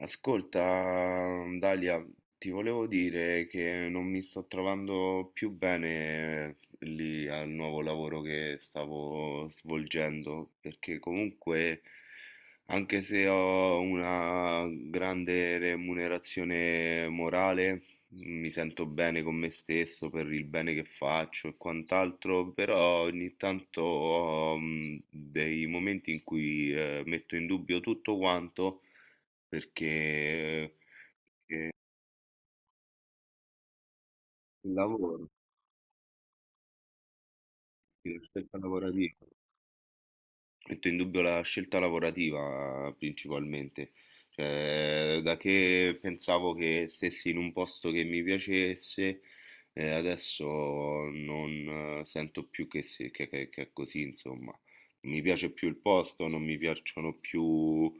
Ascolta, Dalia, ti volevo dire che non mi sto trovando più bene lì al nuovo lavoro che stavo svolgendo, perché comunque, anche se ho una grande remunerazione morale, mi sento bene con me stesso per il bene che faccio e quant'altro, però ogni tanto ho dei momenti in cui metto in dubbio tutto quanto perché il lavoro, sì, lo stress lavorativo. Metto in dubbio la scelta lavorativa principalmente, cioè da che pensavo che stessi in un posto che mi piacesse, adesso non sento più che, che è così, insomma. Non mi piace più il posto, non mi piacciono più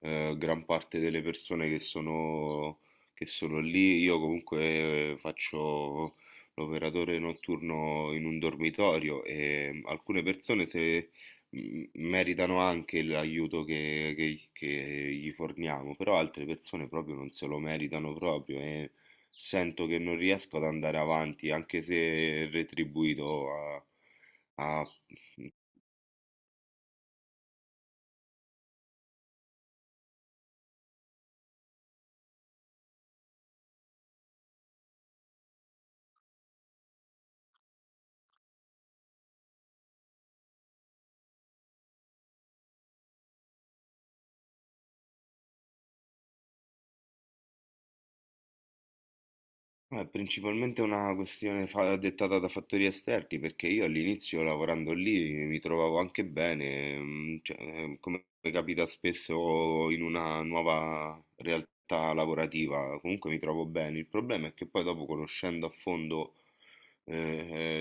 gran parte delle persone che sono lì. Io comunque faccio l'operatore notturno in un dormitorio e alcune persone se meritano anche l'aiuto che gli forniamo, però altre persone proprio non se lo meritano proprio e sento che non riesco ad andare avanti, anche se retribuito a. No, è principalmente una questione dettata da fattori esterni, perché io all'inizio lavorando lì mi trovavo anche bene, cioè, come capita spesso in una nuova realtà lavorativa, comunque mi trovo bene. Il problema è che poi dopo conoscendo a fondo eh,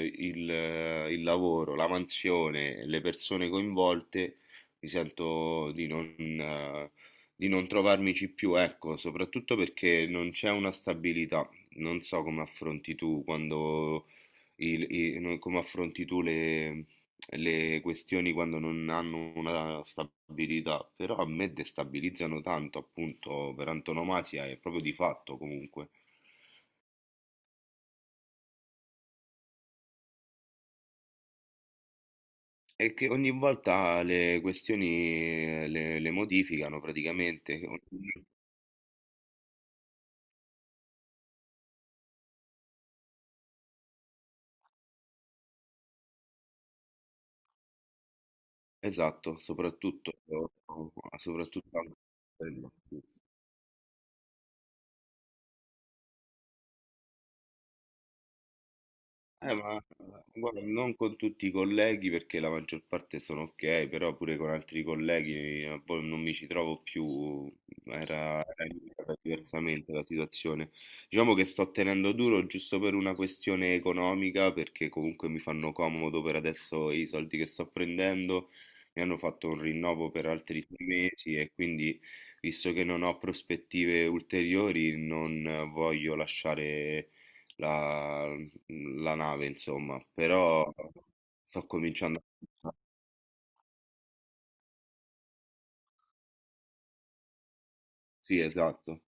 eh, il lavoro, la mansione, le persone coinvolte, mi sento di non trovarmici più, ecco, soprattutto perché non c'è una stabilità. Non so come affronti tu quando il- i- no, come affronti tu le questioni quando non hanno una stabilità, però a me destabilizzano tanto, appunto, per antonomasia è proprio di fatto comunque. E che ogni volta le questioni le modificano praticamente. Esatto, soprattutto, soprattutto anche quello. Sì. Ma guarda, non con tutti i colleghi perché la maggior parte sono ok, però pure con altri colleghi poi non mi ci trovo più, era iniziata diversamente la situazione. Diciamo che sto tenendo duro giusto per una questione economica, perché comunque mi fanno comodo per adesso i soldi che sto prendendo, mi hanno fatto un rinnovo per altri 6 mesi e quindi, visto che non ho prospettive ulteriori, non voglio lasciare la, la nave, insomma, però sto cominciando a. Sì, esatto.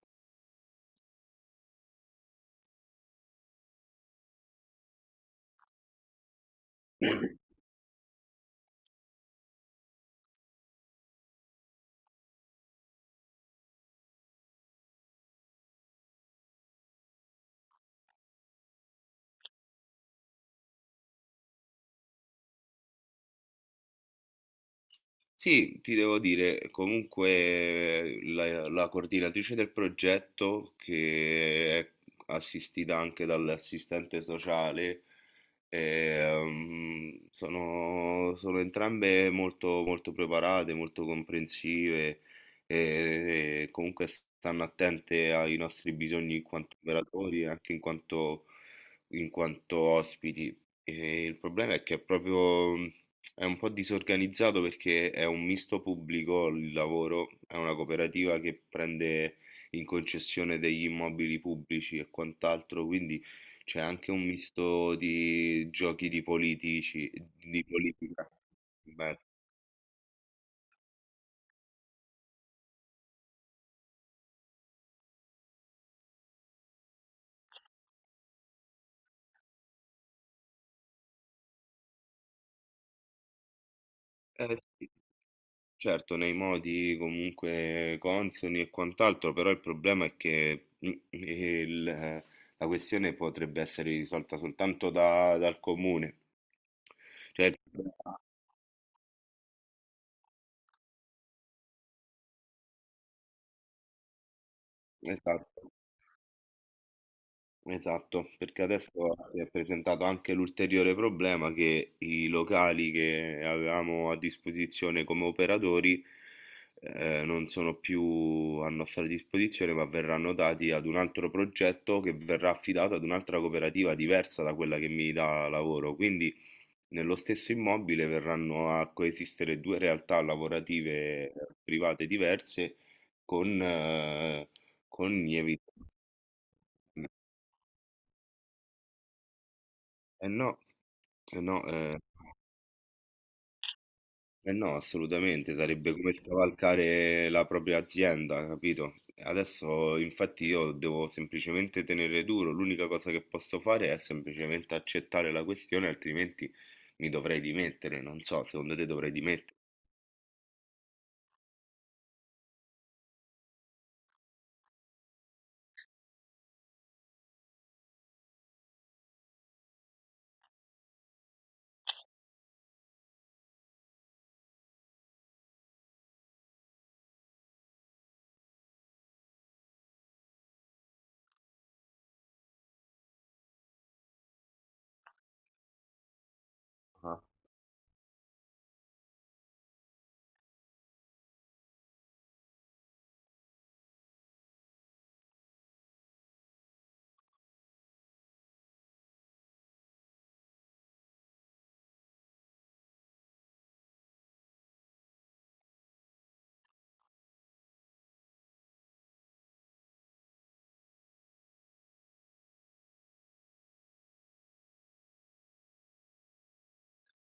Sì, ti devo dire, comunque la coordinatrice del progetto, che è assistita anche dall'assistente sociale, sono entrambe molto, molto preparate, molto comprensive e comunque stanno attente ai nostri bisogni in quanto operatori e anche in quanto ospiti. E il problema è che è proprio. È un po' disorganizzato perché è un misto pubblico il lavoro, è una cooperativa che prende in concessione degli immobili pubblici e quant'altro, quindi c'è anche un misto di giochi di politici, di politica. Beh, eh sì, certo, nei modi comunque consoni e quant'altro, però il problema è che la questione potrebbe essere risolta soltanto dal comune. Cioè, esatto, esatto, perché adesso si è presentato anche l'ulteriore problema che i locali che avevamo a disposizione come operatori non sono più a nostra disposizione, ma verranno dati ad un altro progetto che verrà affidato ad un'altra cooperativa diversa da quella che mi dà lavoro. Quindi nello stesso immobile verranno a coesistere due realtà lavorative private diverse con, eh, con lievi. Eh no, eh no, eh no, assolutamente, sarebbe come scavalcare la propria azienda, capito? Adesso infatti io devo semplicemente tenere duro, l'unica cosa che posso fare è semplicemente accettare la questione, altrimenti mi dovrei dimettere, non so, secondo te dovrei dimettere?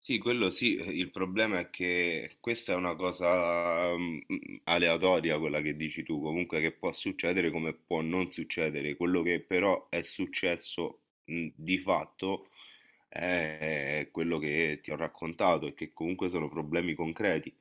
Sì, quello sì, il problema è che questa è una cosa aleatoria, quella che dici tu, comunque che può succedere come può non succedere. Quello che però è successo di fatto è quello che ti ho raccontato e che comunque sono problemi concreti.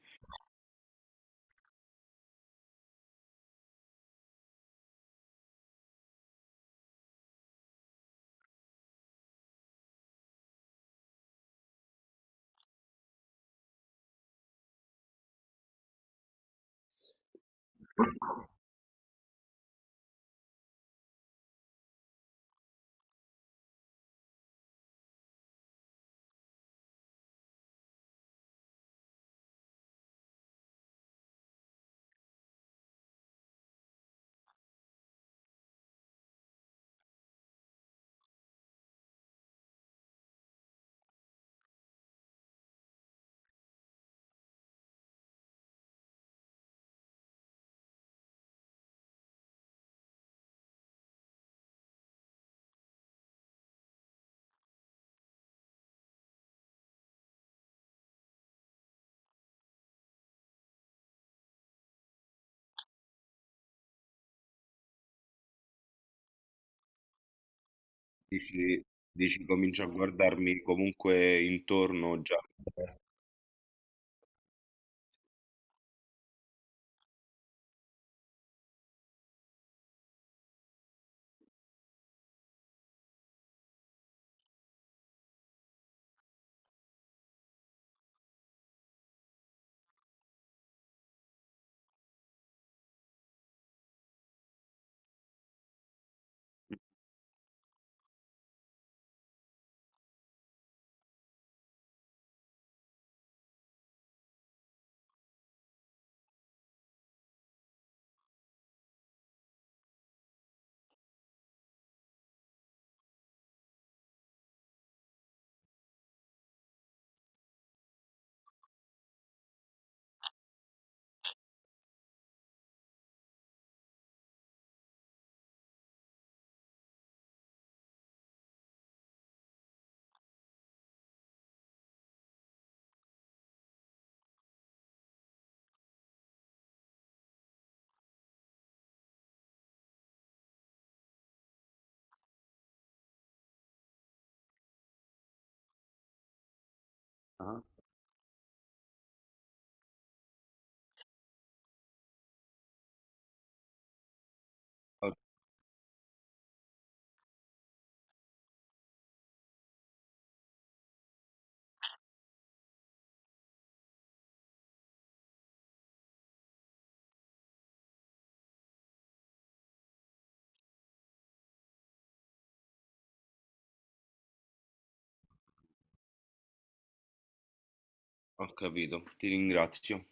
Dici, dici comincio a guardarmi comunque intorno già. Ah, Ho, ho capito, ti ringrazio.